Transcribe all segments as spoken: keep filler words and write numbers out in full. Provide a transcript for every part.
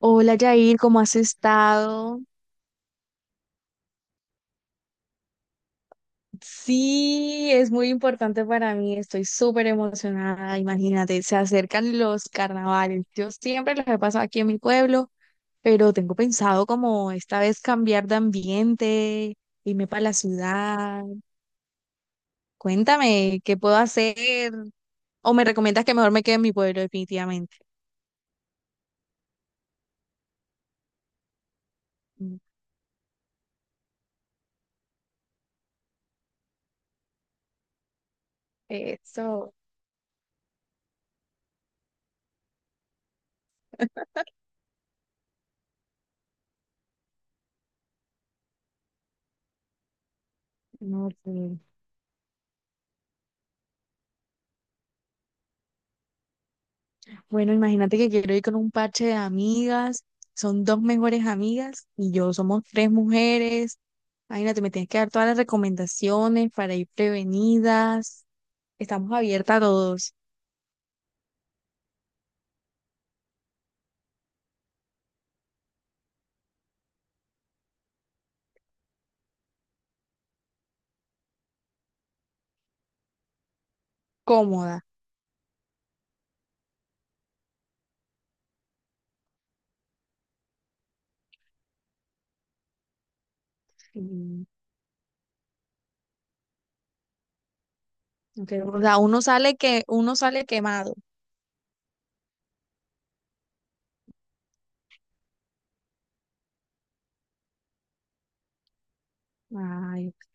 Hola Yair, ¿cómo has estado? Sí, es muy importante para mí, estoy súper emocionada, imagínate, se acercan los carnavales. Yo siempre los he pasado aquí en mi pueblo, pero tengo pensado como esta vez cambiar de ambiente, irme para la ciudad. Cuéntame, ¿qué puedo hacer? ¿O me recomiendas que mejor me quede en mi pueblo definitivamente? Eso, no sé. Bueno, imagínate que quiero ir con un parche de amigas, son dos mejores amigas y yo somos tres mujeres. Imagínate, me tienes que dar todas las recomendaciones para ir prevenidas. Estamos abiertas a todos, cómoda. Mm, entonces, o sea, uno sale que uno sale quemado. Ay, ok.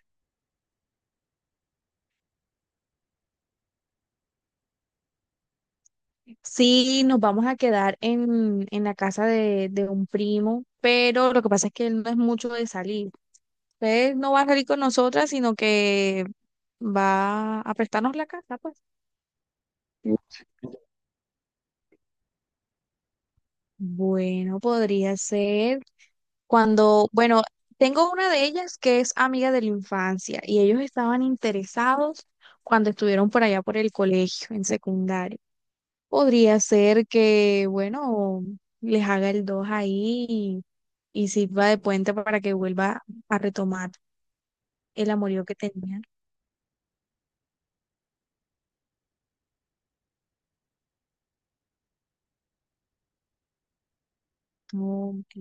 Sí, nos vamos a quedar en, en la casa de, de un primo, pero lo que pasa es que él no es mucho de salir. Usted no va a salir con nosotras, sino que va a prestarnos la casa, pues. Bueno, podría ser cuando, bueno, tengo una de ellas que es amiga de la infancia y ellos estaban interesados cuando estuvieron por allá por el colegio, en secundaria. Podría ser que, bueno, les haga el dos ahí y, y sirva de puente para que vuelva a retomar el amorío que tenían. Ok.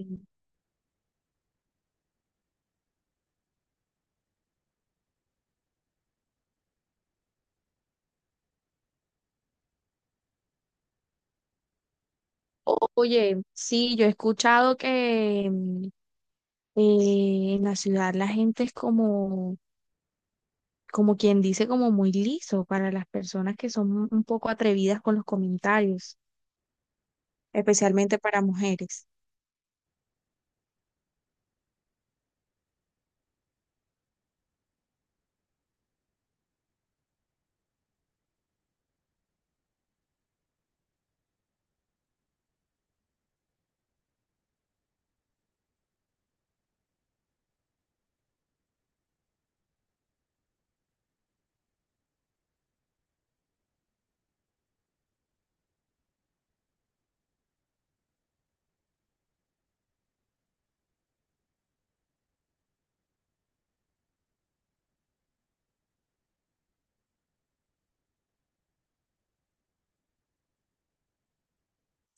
Oye, sí, yo he escuchado que mm, eh, en la ciudad la gente es como, como quien dice, como muy liso para las personas que son un poco atrevidas con los comentarios, especialmente para mujeres.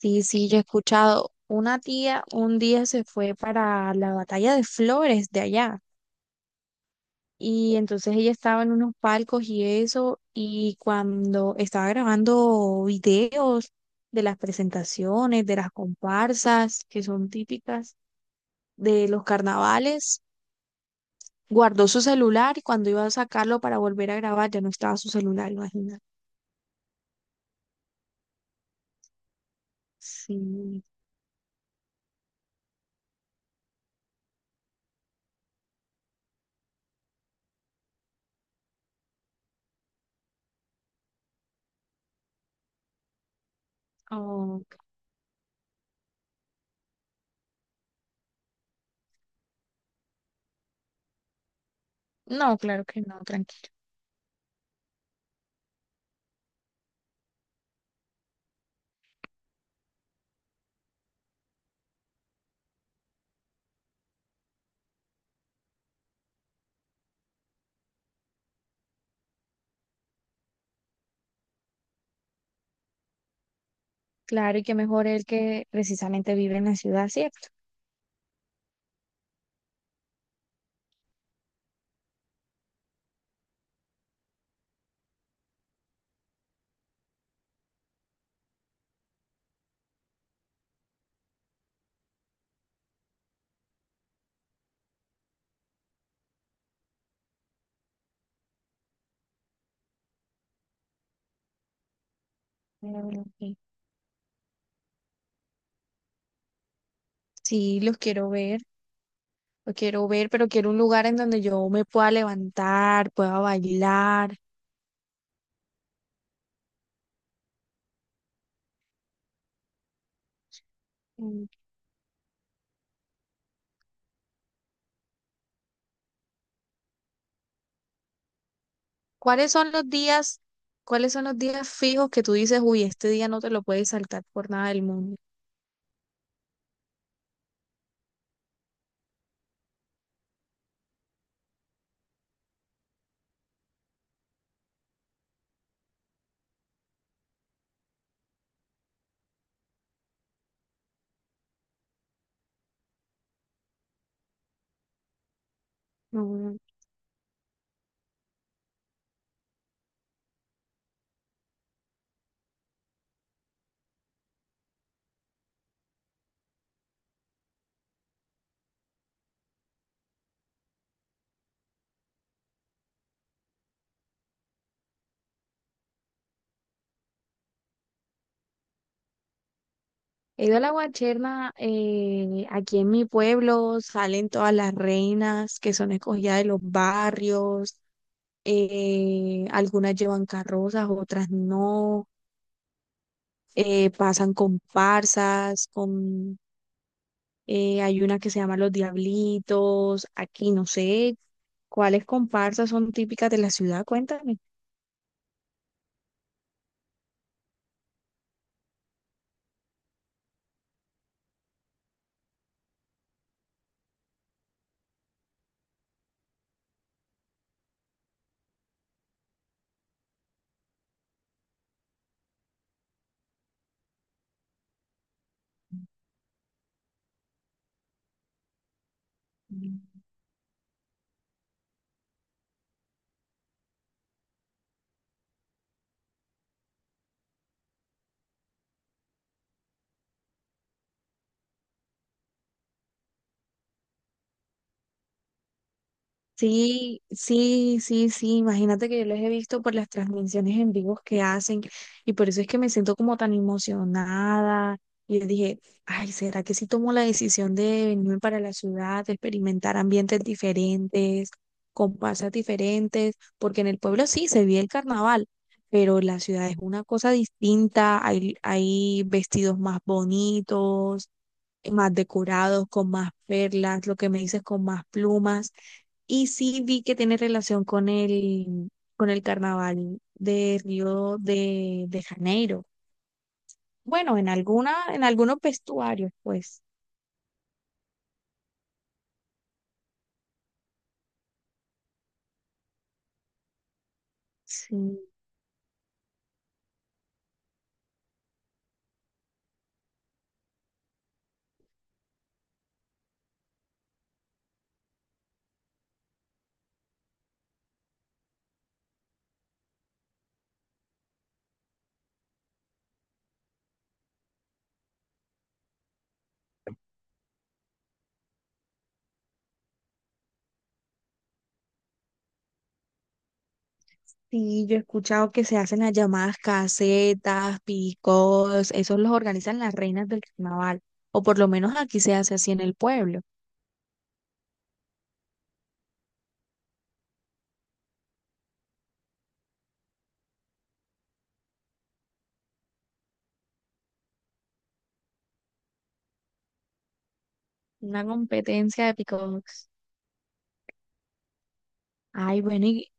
Sí, sí, yo he escuchado, una tía un día se fue para la Batalla de Flores de allá. Y entonces ella estaba en unos palcos y eso, y cuando estaba grabando videos de las presentaciones, de las comparsas, que son típicas de los carnavales, guardó su celular y cuando iba a sacarlo para volver a grabar ya no estaba su celular, imagínate. Sí. Oh, no, claro que no, tranqui. Claro, ¿y que mejor el que precisamente vive en la ciudad, cierto? Claro, ok. Sí, los quiero ver. Lo quiero ver, pero quiero un lugar en donde yo me pueda levantar, pueda bailar. Mm, ¿cuáles son los días, cuáles son los días fijos que tú dices, uy, este día no te lo puedes saltar por nada del mundo? Mm, he ido a la Guacherna, eh, aquí en mi pueblo salen todas las reinas que son escogidas de los barrios, eh, algunas llevan carrozas, otras no, eh, pasan comparsas, con eh, hay una que se llama Los Diablitos, aquí no sé cuáles comparsas son típicas de la ciudad, cuéntame. Sí, sí, sí, sí, imagínate que yo los he visto por las transmisiones en vivos que hacen y por eso es que me siento como tan emocionada. Y yo dije, ay, ¿será que si tomo la decisión de venirme para la ciudad, de experimentar ambientes diferentes, con pasas diferentes? Porque en el pueblo sí se vive el carnaval, pero la ciudad es una cosa distinta, hay, hay vestidos más bonitos, más decorados, con más perlas, lo que me dices, con más plumas. Y sí vi que tiene relación con el, con el carnaval de Río de, de Janeiro. Bueno, en alguna, en algunos vestuarios, pues. Sí, sí, yo he escuchado que se hacen las llamadas casetas, picos, esos los organizan las reinas del carnaval. O por lo menos aquí se hace así en el pueblo. Una competencia de picos. Ay, bueno, y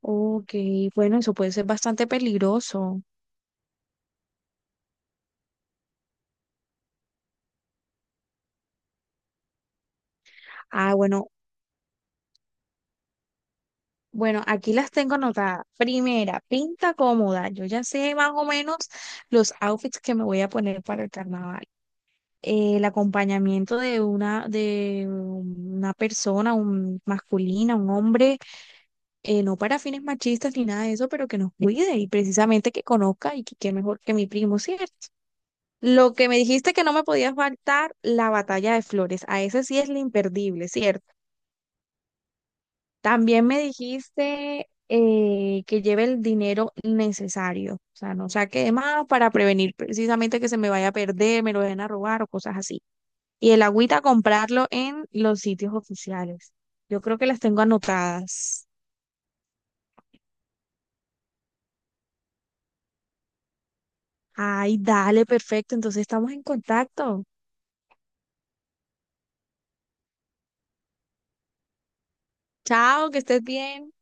ok, bueno, eso puede ser bastante peligroso. Ah, bueno, bueno, aquí las tengo anotadas. Primera, pinta cómoda. Yo ya sé más o menos los outfits que me voy a poner para el carnaval. El acompañamiento de una, de una persona, un masculina, un hombre, eh, no para fines machistas ni nada de eso, pero que nos cuide y precisamente que conozca, ¿y que qué mejor que mi primo, cierto? Lo que me dijiste que no me podía faltar, la Batalla de Flores. A ese sí es lo imperdible, ¿cierto? También me dijiste eh, que lleve el dinero necesario, o sea, no saque de más para prevenir precisamente que se me vaya a perder, me lo vayan a robar o cosas así. Y el agüita comprarlo en los sitios oficiales. Yo creo que las tengo anotadas. Ay, dale, perfecto. Entonces estamos en contacto. Chao, que estés bien.